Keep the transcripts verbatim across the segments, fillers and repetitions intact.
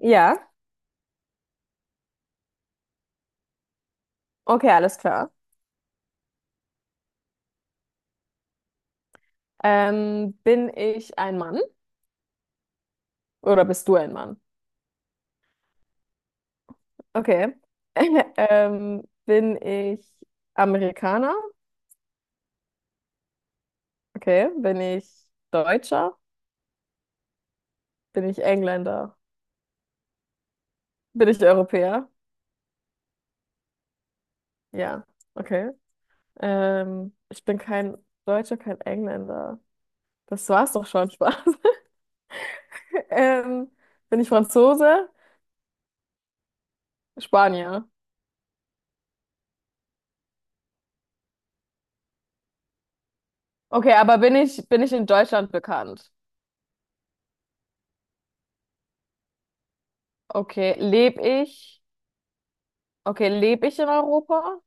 Ja, okay, alles klar. Ähm, bin ich ein Mann oder bist du ein Mann? Okay. Ähm, bin ich Amerikaner? Okay. Bin ich Deutscher? Bin ich Engländer? Bin ich Europäer? Ja, okay. Ähm, ich bin kein Deutscher, kein Engländer. Das war's doch schon, Spaß. Ähm, Bin ich Franzose? Spanier. Okay, aber bin ich, bin ich in Deutschland bekannt? Okay, lebe ich? Okay, lebe ich in Europa?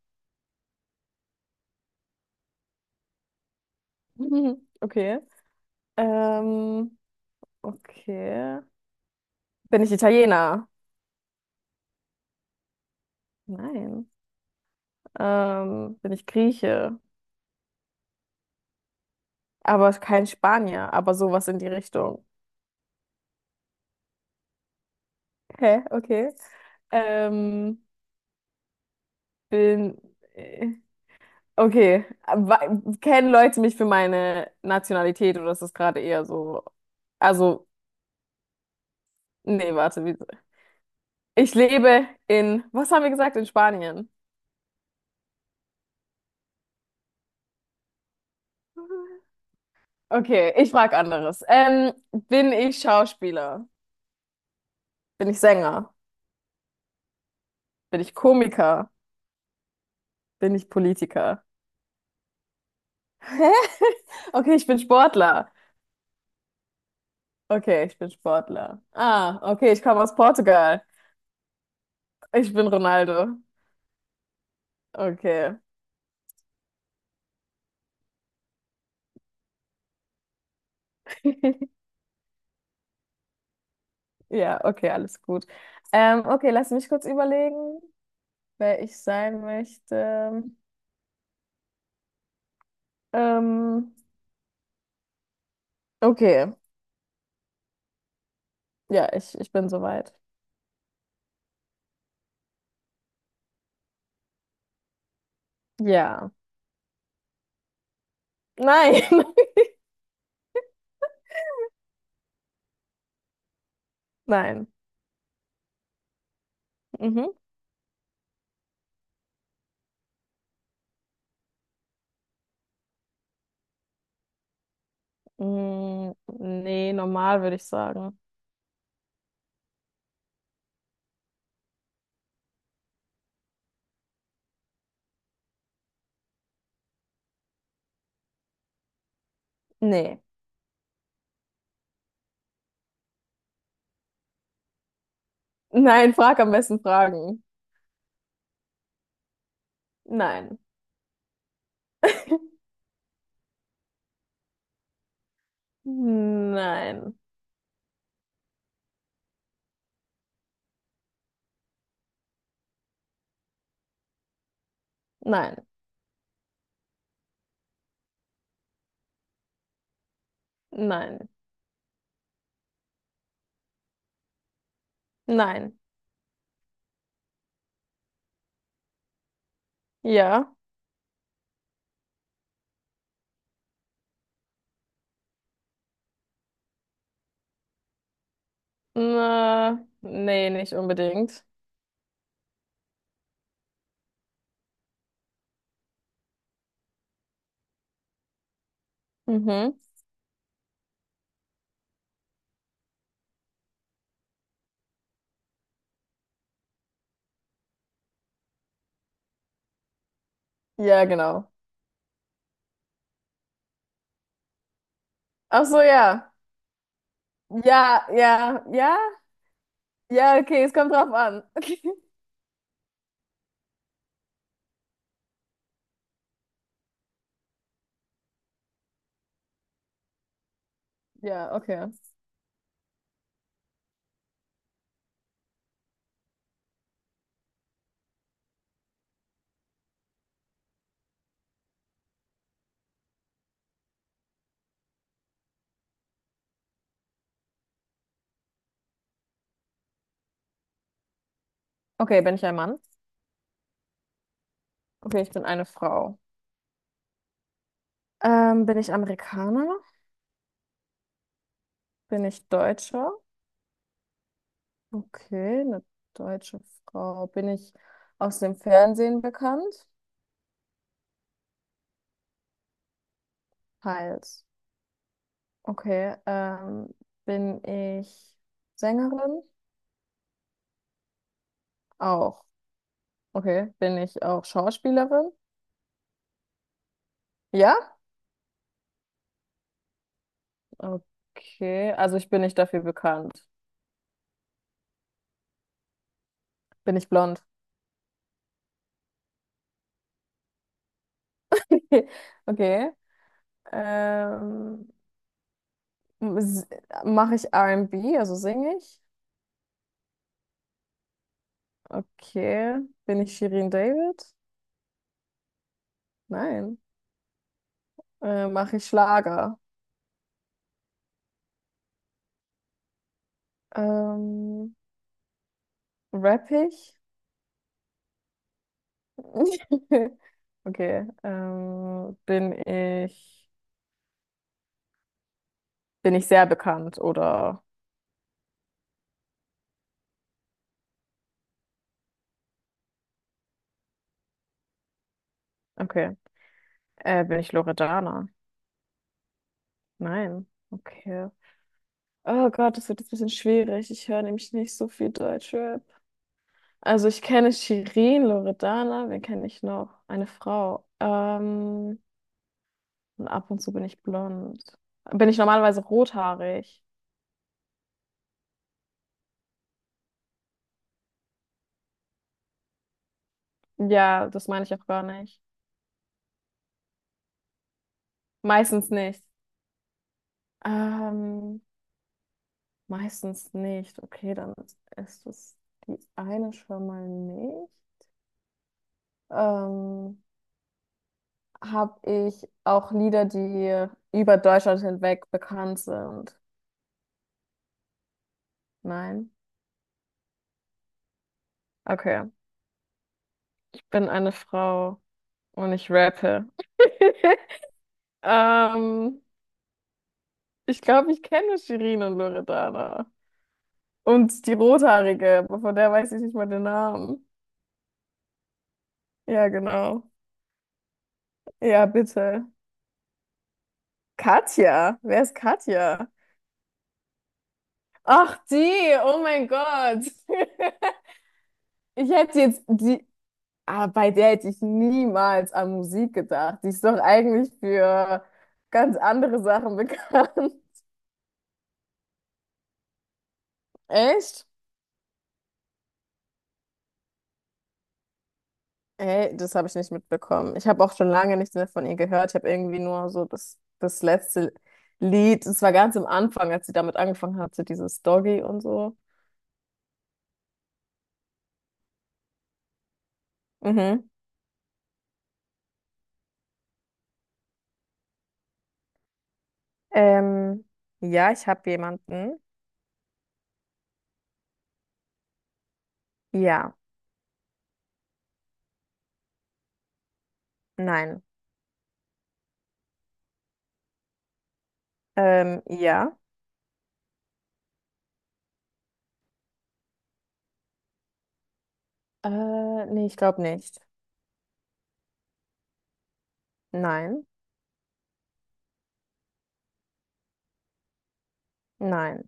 Okay. Ähm, okay. Bin ich Italiener? Nein. Ähm, bin ich Grieche? Aber kein Spanier, aber sowas in die Richtung. Hä? Okay. Ähm, bin. Äh, Okay. Wa- Kennen Leute mich für meine Nationalität oder ist das gerade eher so? Also, nee, warte. wie- Ich lebe in. Was haben wir gesagt? In Spanien. Okay, ich frage anderes. Ähm, bin ich Schauspieler? Bin ich Sänger? Bin ich Komiker? Bin ich Politiker? Hä? Okay, ich bin Sportler. Okay, ich bin Sportler. Ah, okay, ich komme aus Portugal. Ich bin Ronaldo. Okay. Ja, okay, alles gut. Ähm, okay, lass mich kurz überlegen, wer ich sein möchte. Ähm, okay, ja, ich, ich bin soweit. Ja. Nein. Nein. Mhm. Mm, nee, normal würde ich sagen. Nee. Nein, frag am besten Fragen. Nein. Nein. Nein. Nein. Nein. Ja. Na, nee, nicht unbedingt. Mhm. Ja, genau. Ach so, ja. Ja, ja, ja. Ja, okay, es kommt drauf an. Ja, okay. Okay, bin ich ein Mann? Okay, ich bin eine Frau. Ähm, bin ich Amerikaner? Bin ich Deutscher? Okay, eine deutsche Frau. Bin ich aus dem Fernsehen bekannt? Teils. Okay, ähm, bin ich Sängerin? Auch. Okay, bin ich auch Schauspielerin? Ja? Okay, also ich bin nicht dafür bekannt. Bin ich blond? Okay. Ähm, mache ich R and B, also singe ich? Okay. Bin ich Shirin David? Nein. Äh, mache ich Schlager? Ähm, Rapp ich? Okay. Ähm, bin ich, bin ich sehr bekannt oder okay. Äh, bin ich Loredana? Nein. Okay. Oh Gott, das wird jetzt ein bisschen schwierig. Ich höre nämlich nicht so viel Deutschrap. Also ich kenne Shirin, Loredana, wen kenne ich noch? Eine Frau. Ähm, und ab und zu bin ich blond. Bin ich normalerweise rothaarig? Ja, das meine ich auch gar nicht. Meistens nicht. Ähm, Meistens nicht. Okay, dann ist es die eine schon mal nicht. Ähm, habe ich auch Lieder, die über Deutschland hinweg bekannt sind? Nein. Okay, ich bin eine Frau und ich rappe. Ähm, ich glaube, ich kenne Shirin und Loredana. Und die Rothaarige, aber von der weiß ich nicht mal den Namen. Ja, genau. Ja, bitte. Katja, wer ist Katja? Ach, die, oh mein Gott. Ich hätte jetzt die, ah, bei der hätte ich niemals an Musik gedacht. Die ist doch eigentlich für ganz andere Sachen bekannt. Echt? Ey, das habe ich nicht mitbekommen. Ich habe auch schon lange nichts mehr von ihr gehört. Ich habe irgendwie nur so das, das letzte Lied. Es war ganz am Anfang, als sie damit angefangen hatte, dieses Doggy und so. Mhm. Ähm, ja, ich habe jemanden. Ja, nein. Ähm, ja. Äh, nee, ich glaube nicht. Nein, nein.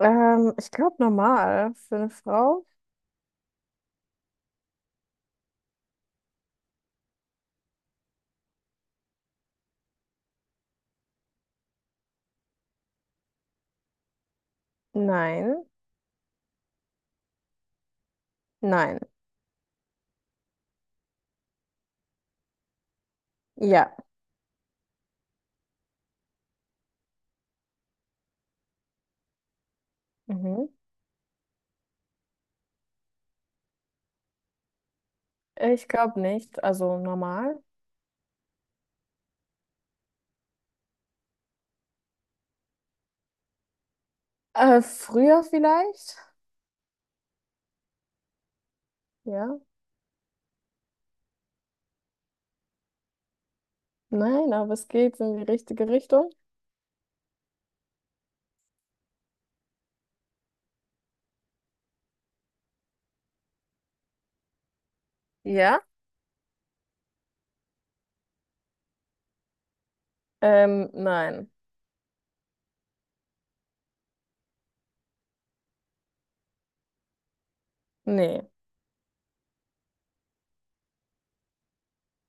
Ähm, ich glaube normal für eine Frau. Nein, nein. Ja. Mhm. Ich glaube nicht. Also normal. Äh, früher vielleicht? Ja. Nein, aber es geht in die richtige Richtung. Ja. Ähm, nein. Nee.